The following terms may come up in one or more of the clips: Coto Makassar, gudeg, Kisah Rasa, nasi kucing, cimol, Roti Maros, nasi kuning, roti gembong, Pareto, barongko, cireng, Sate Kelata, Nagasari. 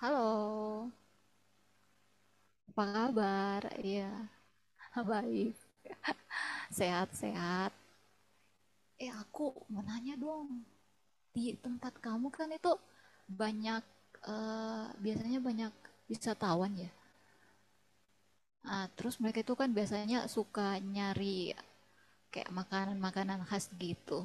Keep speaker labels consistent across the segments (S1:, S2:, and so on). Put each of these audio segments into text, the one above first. S1: Halo, apa kabar? Iya, baik. Sehat-sehat. Aku mau nanya dong. Di tempat kamu kan itu banyak, biasanya banyak wisatawan ya. Terus mereka itu kan biasanya suka nyari kayak makanan-makanan khas gitu.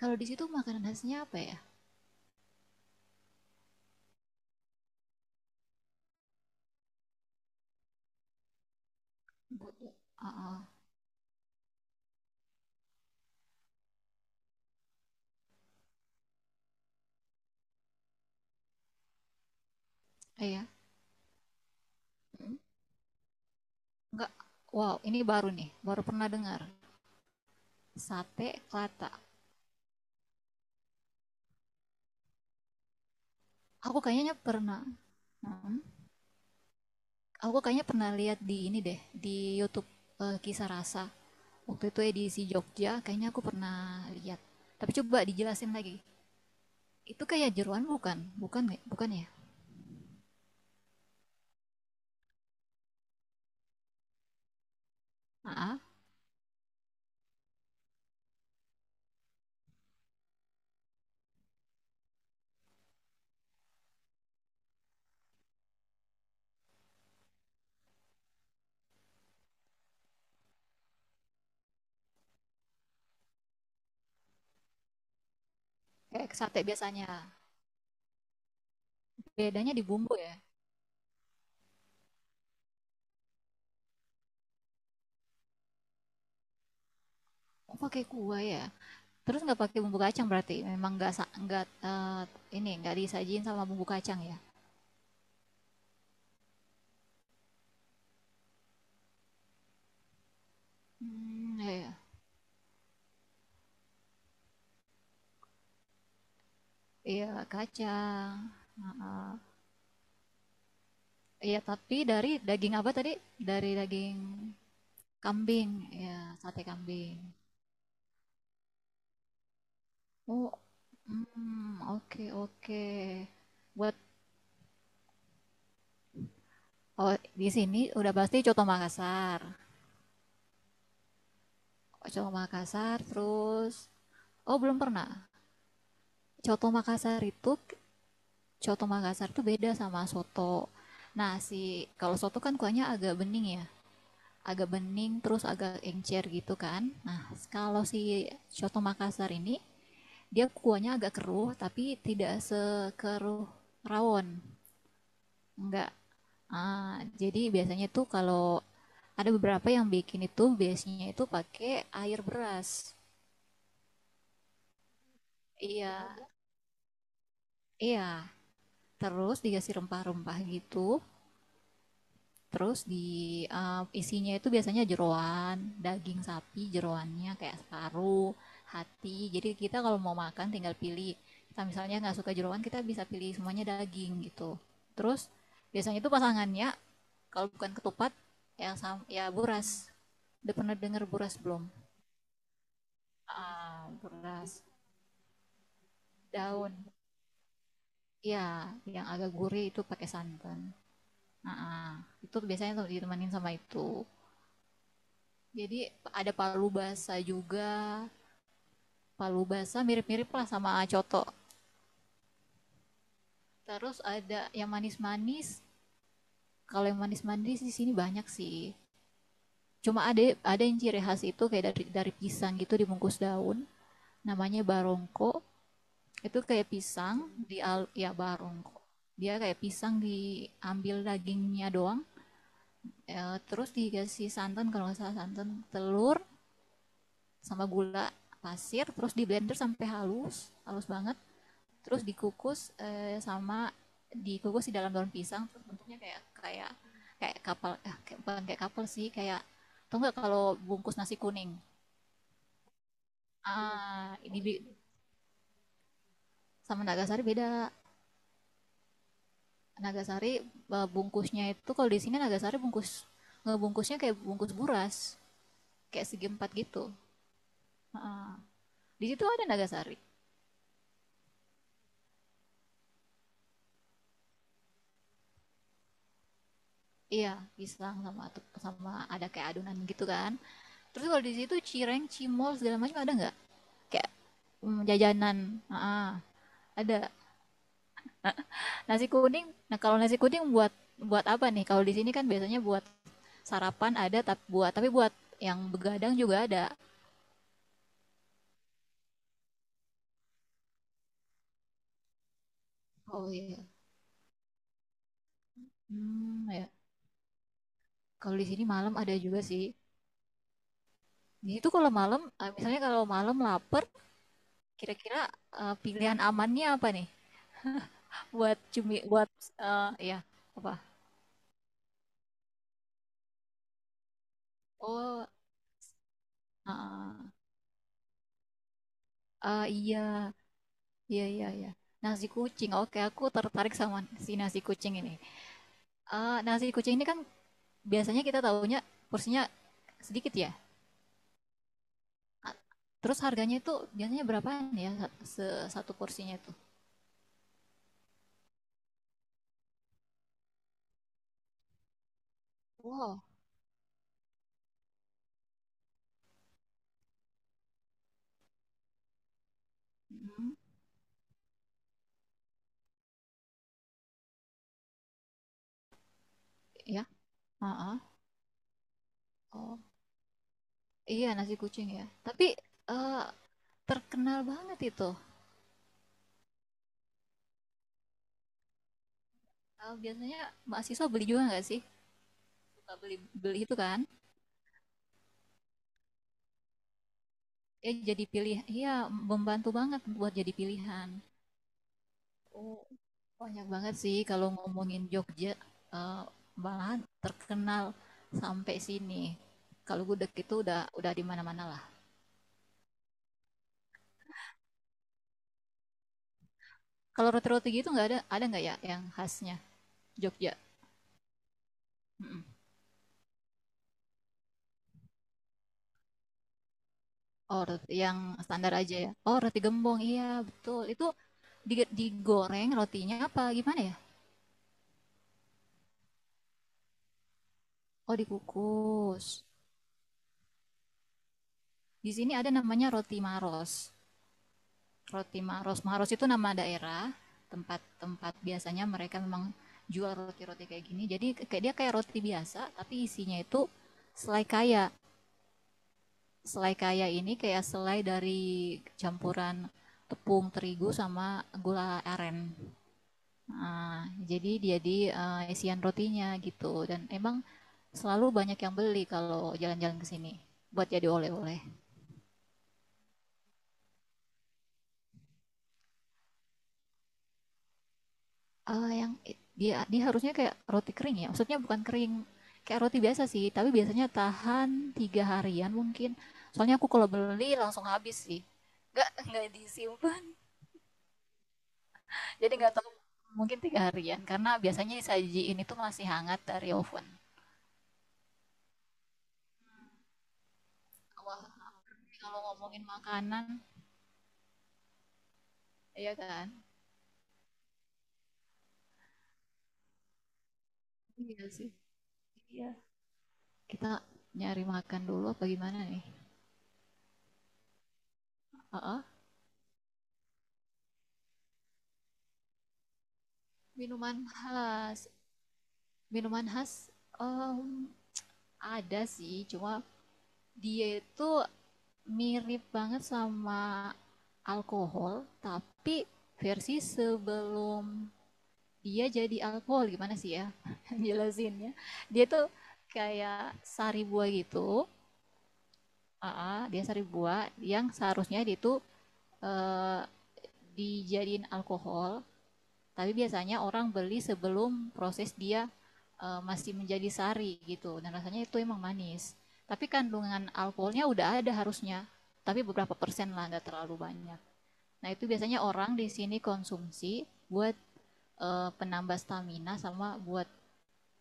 S1: Kalau di situ makanan khasnya apa ya? Ah, ah, iya. Mm. Enggak. Wow, ini baru nih. Baru pernah dengar. Sate Kelata. Aku kayaknya pernah. Hmm. Aku kayaknya pernah lihat di ini deh, di YouTube, Kisah Rasa. Waktu itu edisi Jogja, kayaknya aku pernah lihat. Tapi coba dijelasin lagi. Itu kayak jeroan bukan? Bukan ya? Aa, kayak sate biasanya. Bedanya di bumbu ya. Oh, pakai kuah ya. Terus nggak pakai bumbu kacang berarti? Memang nggak ini nggak disajin sama bumbu kacang ya? Hmm, iya, iya. Iya, kacang. Iya, tapi dari daging apa tadi? Dari daging kambing, ya, sate kambing. Oh, hmm, oke oke. Buat oh, di sini udah pasti Coto Makassar. Coto Makassar terus oh belum pernah. Coto Makassar itu Coto Makassar tuh beda sama soto. Nah, kalau soto kan kuahnya agak bening ya. Agak bening terus agak encer gitu kan. Nah, kalau si Coto Makassar ini dia kuahnya agak keruh tapi tidak sekeruh rawon. Enggak. Jadi biasanya tuh kalau ada beberapa yang bikin itu biasanya itu pakai air beras. Iya, iya. Terus dikasih rempah-rempah gitu. Terus di isinya itu biasanya jeroan, daging sapi jeroannya kayak separuh, hati. Jadi kita kalau mau makan tinggal pilih. Kita misalnya nggak suka jeroan, kita bisa pilih semuanya daging gitu. Terus biasanya itu pasangannya kalau bukan ketupat ya sam ya buras. Udah pernah dengar buras belum? Ah, buras daun. Ya, yang agak gurih itu pakai santan. Ah, itu biasanya tuh ditemanin sama itu. Jadi ada palu basah juga. Palu basah mirip-mirip lah sama coto. Terus ada yang manis-manis. Kalau yang manis-manis di sini banyak sih. Cuma ada yang ciri khas itu kayak dari pisang gitu dibungkus daun. Namanya barongko. Itu kayak pisang di al ya barongko. Dia kayak pisang diambil dagingnya doang. Terus dikasih santan kalau nggak salah santan, telur sama gula pasir terus di blender sampai halus, halus banget. Terus dikukus sama dikukus di dalam daun pisang terus bentuknya kayak kayak kayak kapal kayak, bukan kayak kapal sih kayak tau nggak kalau bungkus nasi kuning ah ini sama Nagasari beda. Nagasari, bungkusnya itu kalau di sini Nagasari bungkus ngebungkusnya kayak bungkus buras kayak segi empat gitu. Heeh. Di situ ada Nagasari, iya pisang sama sama ada kayak adonan gitu kan. Terus kalau di situ cireng cimol segala macam ada nggak kayak jajanan. Heeh, ada nasi kuning. Nah kalau nasi kuning buat buat apa nih kalau di sini kan biasanya buat sarapan ada tapi buat yang begadang juga ada. Oh iya. Hmm ya. Kalau di sini malam ada juga sih. Jadi itu kalau malam, misalnya kalau malam lapar, kira-kira pilihan amannya apa nih? Buat cumi, buat ya apa? Oh, ah, ah, iya, iya, iya, iya. Nasi kucing. Oke, aku tertarik sama si nasi kucing ini. Ah, nasi kucing ini kan biasanya kita tahunya porsinya sedikit ya. Ah, terus harganya itu biasanya berapaan ya satu porsinya itu? Wow. Mm, ya. Ah, ah. Oh, iya nasi kucing ya. Tapi eh, terkenal banget itu. Kalau biasanya mahasiswa beli juga nggak sih? Beli beli itu kan? Ya jadi pilih, iya membantu banget buat jadi pilihan. Oh, banyak banget sih kalau ngomongin Jogja, eh, malahan terkenal sampai sini. Kalau gudeg itu udah di mana-mana lah. Kalau roti-roti gitu nggak ada ada nggak ya yang khasnya Jogja? Mm-mm. Oh, roti yang standar aja ya. Oh, roti gembong. Iya, betul. Itu digoreng rotinya apa gimana ya? Oh, dikukus. Di sini ada namanya roti Maros. Roti Maros. Maros itu nama daerah, tempat-tempat biasanya mereka memang jual roti-roti kayak gini. Jadi kayak dia kayak roti biasa, tapi isinya itu selai kaya. Selai kaya ini kayak selai dari campuran tepung terigu sama gula aren. Nah, jadi dia di isian rotinya gitu. Dan emang selalu banyak yang beli kalau jalan-jalan ke sini buat jadi oleh-oleh. Yang dia dia harusnya kayak roti kering ya. Maksudnya bukan kering kayak roti biasa sih, tapi biasanya tahan 3 harian mungkin. Soalnya aku kalau beli langsung habis sih. Nggak disimpan. Jadi nggak tahu mungkin 3 harian karena biasanya disajiin itu masih hangat dari oven. Wah, tapi kalau ngomongin makanan, iya kan? Iya sih. Iya. Kita nyari makan dulu apa gimana nih? Heeh. Minuman khas. Minuman khas em, ada sih, cuma dia itu mirip banget sama alkohol, tapi versi sebelum dia jadi alkohol gimana sih ya jelasinnya dia tuh kayak sari buah gitu. Aa, dia sari buah yang seharusnya dia tuh eh, dijadiin alkohol. Tapi biasanya orang beli sebelum proses dia masih menjadi sari gitu. Dan rasanya itu emang manis. Tapi kandungan alkoholnya udah ada harusnya. Tapi beberapa persen lah, nggak terlalu banyak. Nah itu biasanya orang di sini konsumsi buat penambah stamina sama buat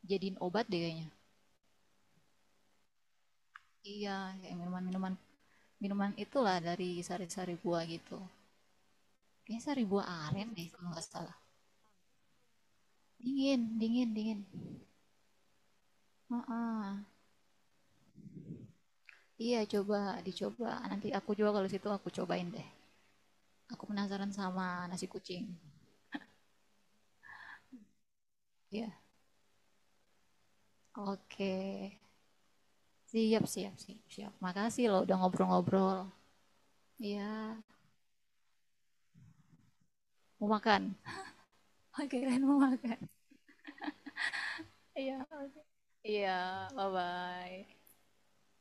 S1: jadiin obat deh kayaknya. Iya, kayak minuman-minuman itulah dari sari-sari buah gitu. Kayaknya sari buah aren deh kalau nggak salah. Dingin, dingin, dingin. Uh -uh. Iya, coba dicoba. Ah, nanti aku juga kalau situ aku cobain deh. Aku penasaran sama nasi kucing. Iya. Oke. Siap, siap, siap, siap. Makasih loh udah ngobrol-ngobrol. Iya, mau makan. Oke, kalian mau makan. Iya, oke. Iya, bye-bye.